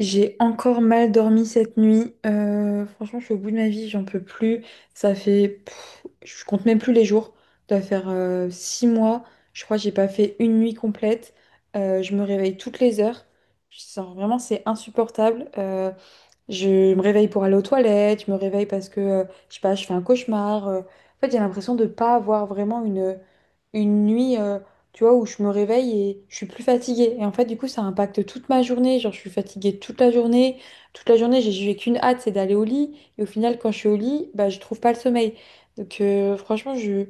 J'ai encore mal dormi cette nuit. Franchement, je suis au bout de ma vie, j'en peux plus. Ça fait, je compte même plus les jours. Ça doit faire 6 mois. Je crois que j'ai pas fait une nuit complète. Je me réveille toutes les heures. Vraiment, c'est insupportable. Je me réveille pour aller aux toilettes, je me réveille parce que, je sais pas, je fais un cauchemar. En fait, j'ai l'impression de pas avoir vraiment une nuit, tu vois, où je me réveille et je suis plus fatiguée. Et en fait, du coup, ça impacte toute ma journée. Genre, je suis fatiguée toute la journée. Toute la journée, j'ai qu'une hâte, c'est d'aller au lit. Et au final, quand je suis au lit, bah, je trouve pas le sommeil. Donc, franchement, je,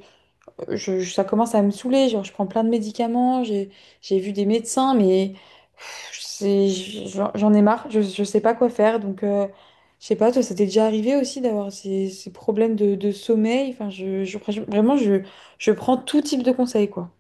je- je- ça commence à me saouler. Genre, je prends plein de médicaments, j'ai vu des médecins, mais pff, c'est- j'en ai marre. Je sais pas quoi faire. Donc, je sais pas, toi, ça t'est déjà arrivé aussi d'avoir ces problèmes de sommeil. Enfin, vraiment, je prends tout type de conseils, quoi.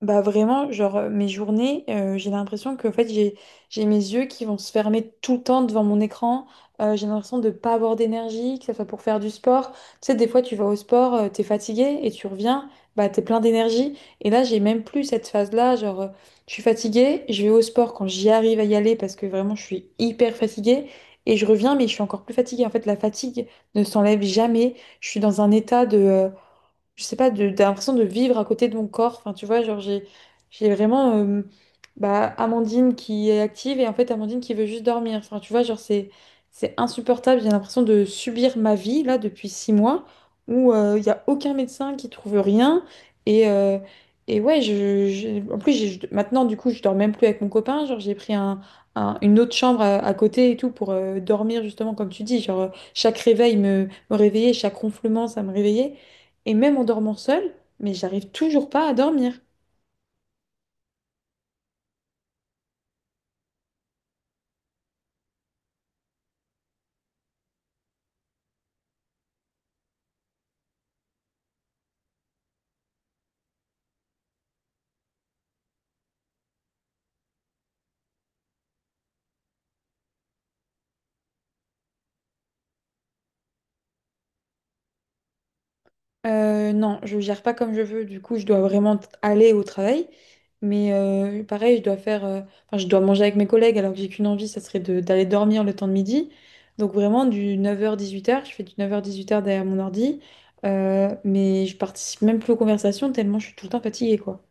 Bah vraiment, genre mes journées, j'ai l'impression que en fait j'ai mes yeux qui vont se fermer tout le temps devant mon écran. J'ai l'impression de pas avoir d'énergie, que ça soit pour faire du sport. Tu sais, des fois tu vas au sport, t'es fatigué et tu reviens, bah t'es plein d'énergie. Et là j'ai même plus cette phase-là, genre je suis fatiguée, je vais au sport quand j'y arrive à y aller parce que vraiment je suis hyper fatiguée et je reviens mais je suis encore plus fatiguée. En fait la fatigue ne s'enlève jamais. Je suis dans un état de je sais pas, de l'impression de vivre à côté de mon corps. Enfin, tu vois, genre, j'ai vraiment bah, Amandine qui est active et en fait Amandine qui veut juste dormir. Enfin, tu vois, genre, c'est insupportable. J'ai l'impression de subir ma vie là depuis 6 mois où il n'y a aucun médecin qui trouve rien. Et, euh, et ouais, en plus, maintenant, du coup, je dors même plus avec mon copain. Genre, j'ai pris un. Un- une autre chambre à côté et tout pour dormir, justement, comme tu dis, genre chaque réveil me réveillait, chaque ronflement ça me réveillait. Et même en dormant seule, mais j'arrive toujours pas à dormir. Non, je gère pas comme je veux, du coup, je dois vraiment aller au travail. Mais pareil, je dois faire, enfin, je dois manger avec mes collègues alors que j'ai qu'une envie, ça serait d'aller dormir le temps de midi. Donc vraiment, du 9h-18h, je fais du 9h-18h derrière mon ordi. Mais je participe même plus aux conversations tellement je suis tout le temps fatiguée, quoi.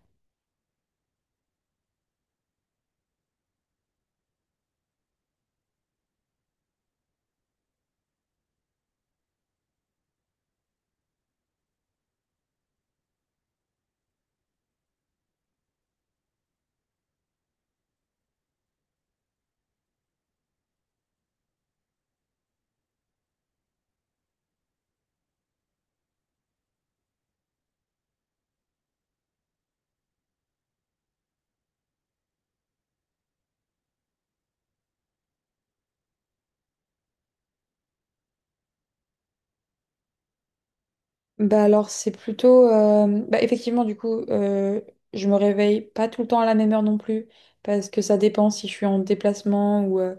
Bah alors c'est plutôt bah, effectivement, du coup je me réveille pas tout le temps à la même heure non plus, parce que ça dépend si je suis en déplacement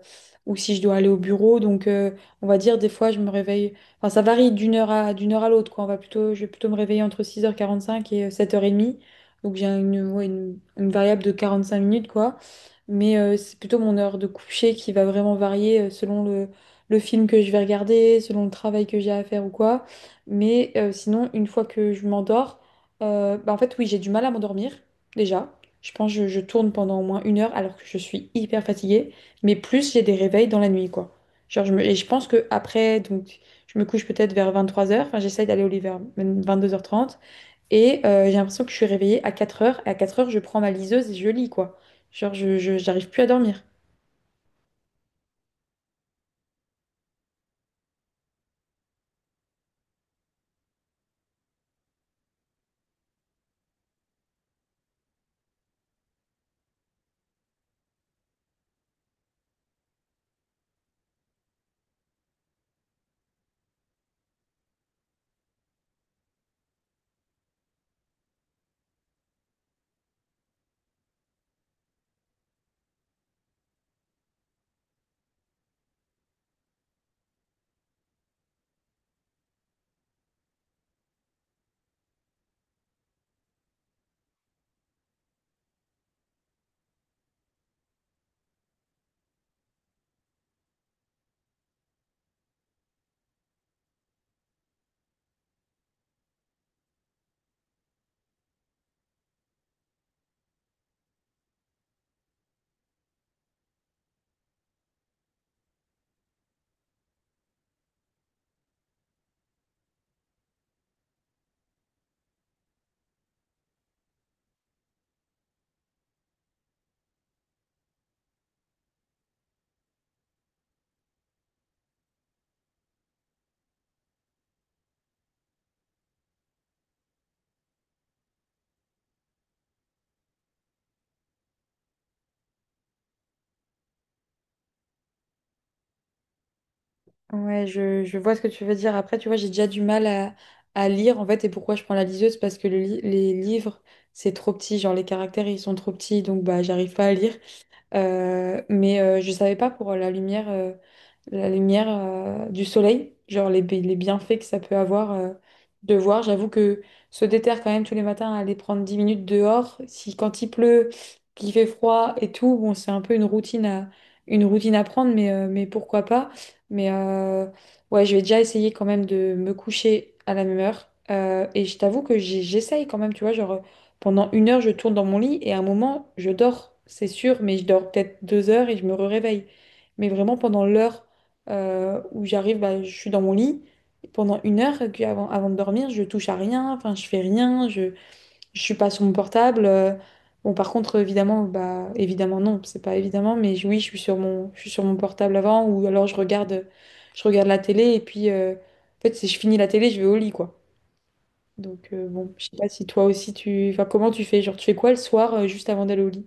ou si je dois aller au bureau. Donc on va dire, des fois je me réveille, enfin ça varie d'une heure à l'autre, quoi. On va plutôt Je vais plutôt me réveiller entre 6h45 et 7h30. Donc j'ai ouais, une variable de 45 minutes, quoi. Mais c'est plutôt mon heure de coucher qui va vraiment varier selon le film que je vais regarder, selon le travail que j'ai à faire ou quoi. Mais sinon, une fois que je m'endors, bah, en fait, oui, j'ai du mal à m'endormir, déjà. Je pense que je tourne pendant au moins une heure alors que je suis hyper fatiguée. Mais plus, j'ai des réveils dans la nuit, quoi. Et je pense que après, donc, je me couche peut-être vers 23 heures. Enfin, j'essaye d'aller au lit vers 22h30. Et j'ai l'impression que je suis réveillée à 4 heures. Et à 4 heures je prends ma liseuse et je lis, quoi. Genre, j'arrive plus à dormir. Ouais, je vois ce que tu veux dire. Après, tu vois, j'ai déjà du mal à lire, en fait, et pourquoi je prends la liseuse? Parce que les livres, c'est trop petit, genre les caractères, ils sont trop petits, donc bah, j'arrive pas à lire. Je savais pas pour la lumière du soleil, genre les bienfaits que ça peut avoir de voir. J'avoue que se déterre quand même tous les matins à aller prendre 10 minutes dehors. Si quand il pleut, qu'il fait froid et tout, bon, c'est un peu une routine une routine à prendre, mais pourquoi pas. Mais ouais, je vais déjà essayer quand même de me coucher à la même heure. Et je t'avoue que j'essaye quand même, tu vois, genre. Pendant une heure, je tourne dans mon lit et à un moment, je dors, c'est sûr, mais je dors peut-être 2 heures et je me réveille. Mais vraiment, pendant l'heure où j'arrive, bah, je suis dans mon lit. Et pendant une heure, et puis avant, avant de dormir, je touche à rien, enfin, je fais rien, je suis pas sur mon portable. Bon, par contre, évidemment, bah, évidemment, non, c'est pas évidemment, oui, je suis je suis sur mon portable avant, ou alors je regarde la télé, et puis, en fait, si je finis la télé, je vais au lit, quoi. Donc bon, je sais pas si toi aussi tu... Enfin, comment tu fais? Genre, tu fais quoi le soir juste avant d'aller au lit?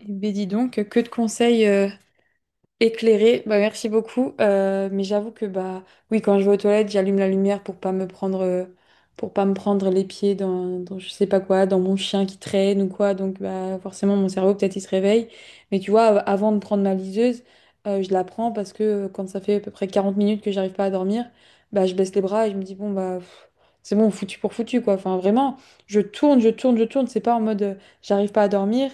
Eh ben dis donc, que de conseils éclairé, bah merci beaucoup. Mais j'avoue que bah oui, quand je vais aux toilettes, j'allume la lumière pour pas me prendre pour pas me prendre les pieds dans je sais pas quoi, dans mon chien qui traîne ou quoi. Donc bah forcément mon cerveau peut-être il se réveille. Mais tu vois, avant de prendre ma liseuse, je la prends parce que quand ça fait à peu près 40 minutes que j'arrive pas à dormir, bah je baisse les bras et je me dis bon bah pff, c'est bon, foutu pour foutu, quoi. Enfin vraiment, je tourne, je tourne, je tourne. C'est pas en mode j'arrive pas à dormir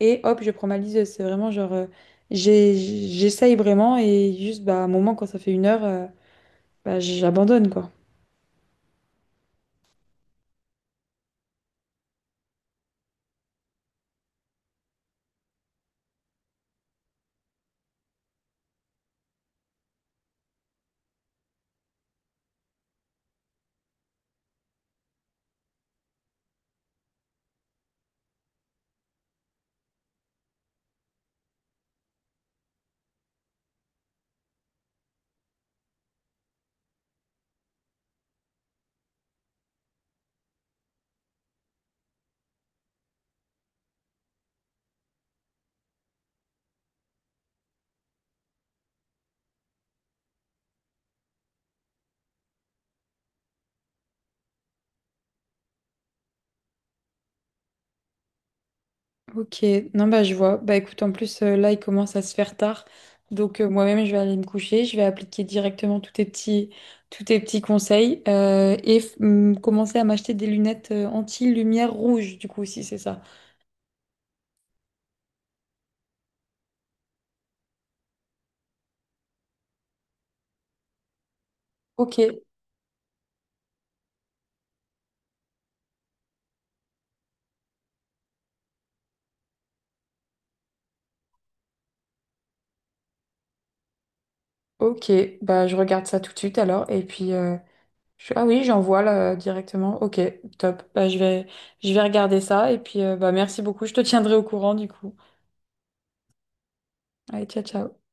et hop, je prends ma liseuse. C'est vraiment genre j'ai- j'essaye vraiment, et juste, bah, à un moment, quand ça fait une heure, bah, j'abandonne, quoi. Ok, non, bah, je vois. Bah, écoute, en plus, là, il commence à se faire tard. Donc, moi-même, je vais aller me coucher. Je vais appliquer directement tous tes petits conseils et commencer à m'acheter des lunettes anti-lumière rouge, du coup, si c'est ça. Ok, ok. Bah, je regarde ça tout de suite, alors. Et puis, ah oui, j'envoie là directement. Ok, top. Bah, je vais regarder ça, et puis bah, merci beaucoup. Je te tiendrai au courant, du coup. Allez, ciao, ciao.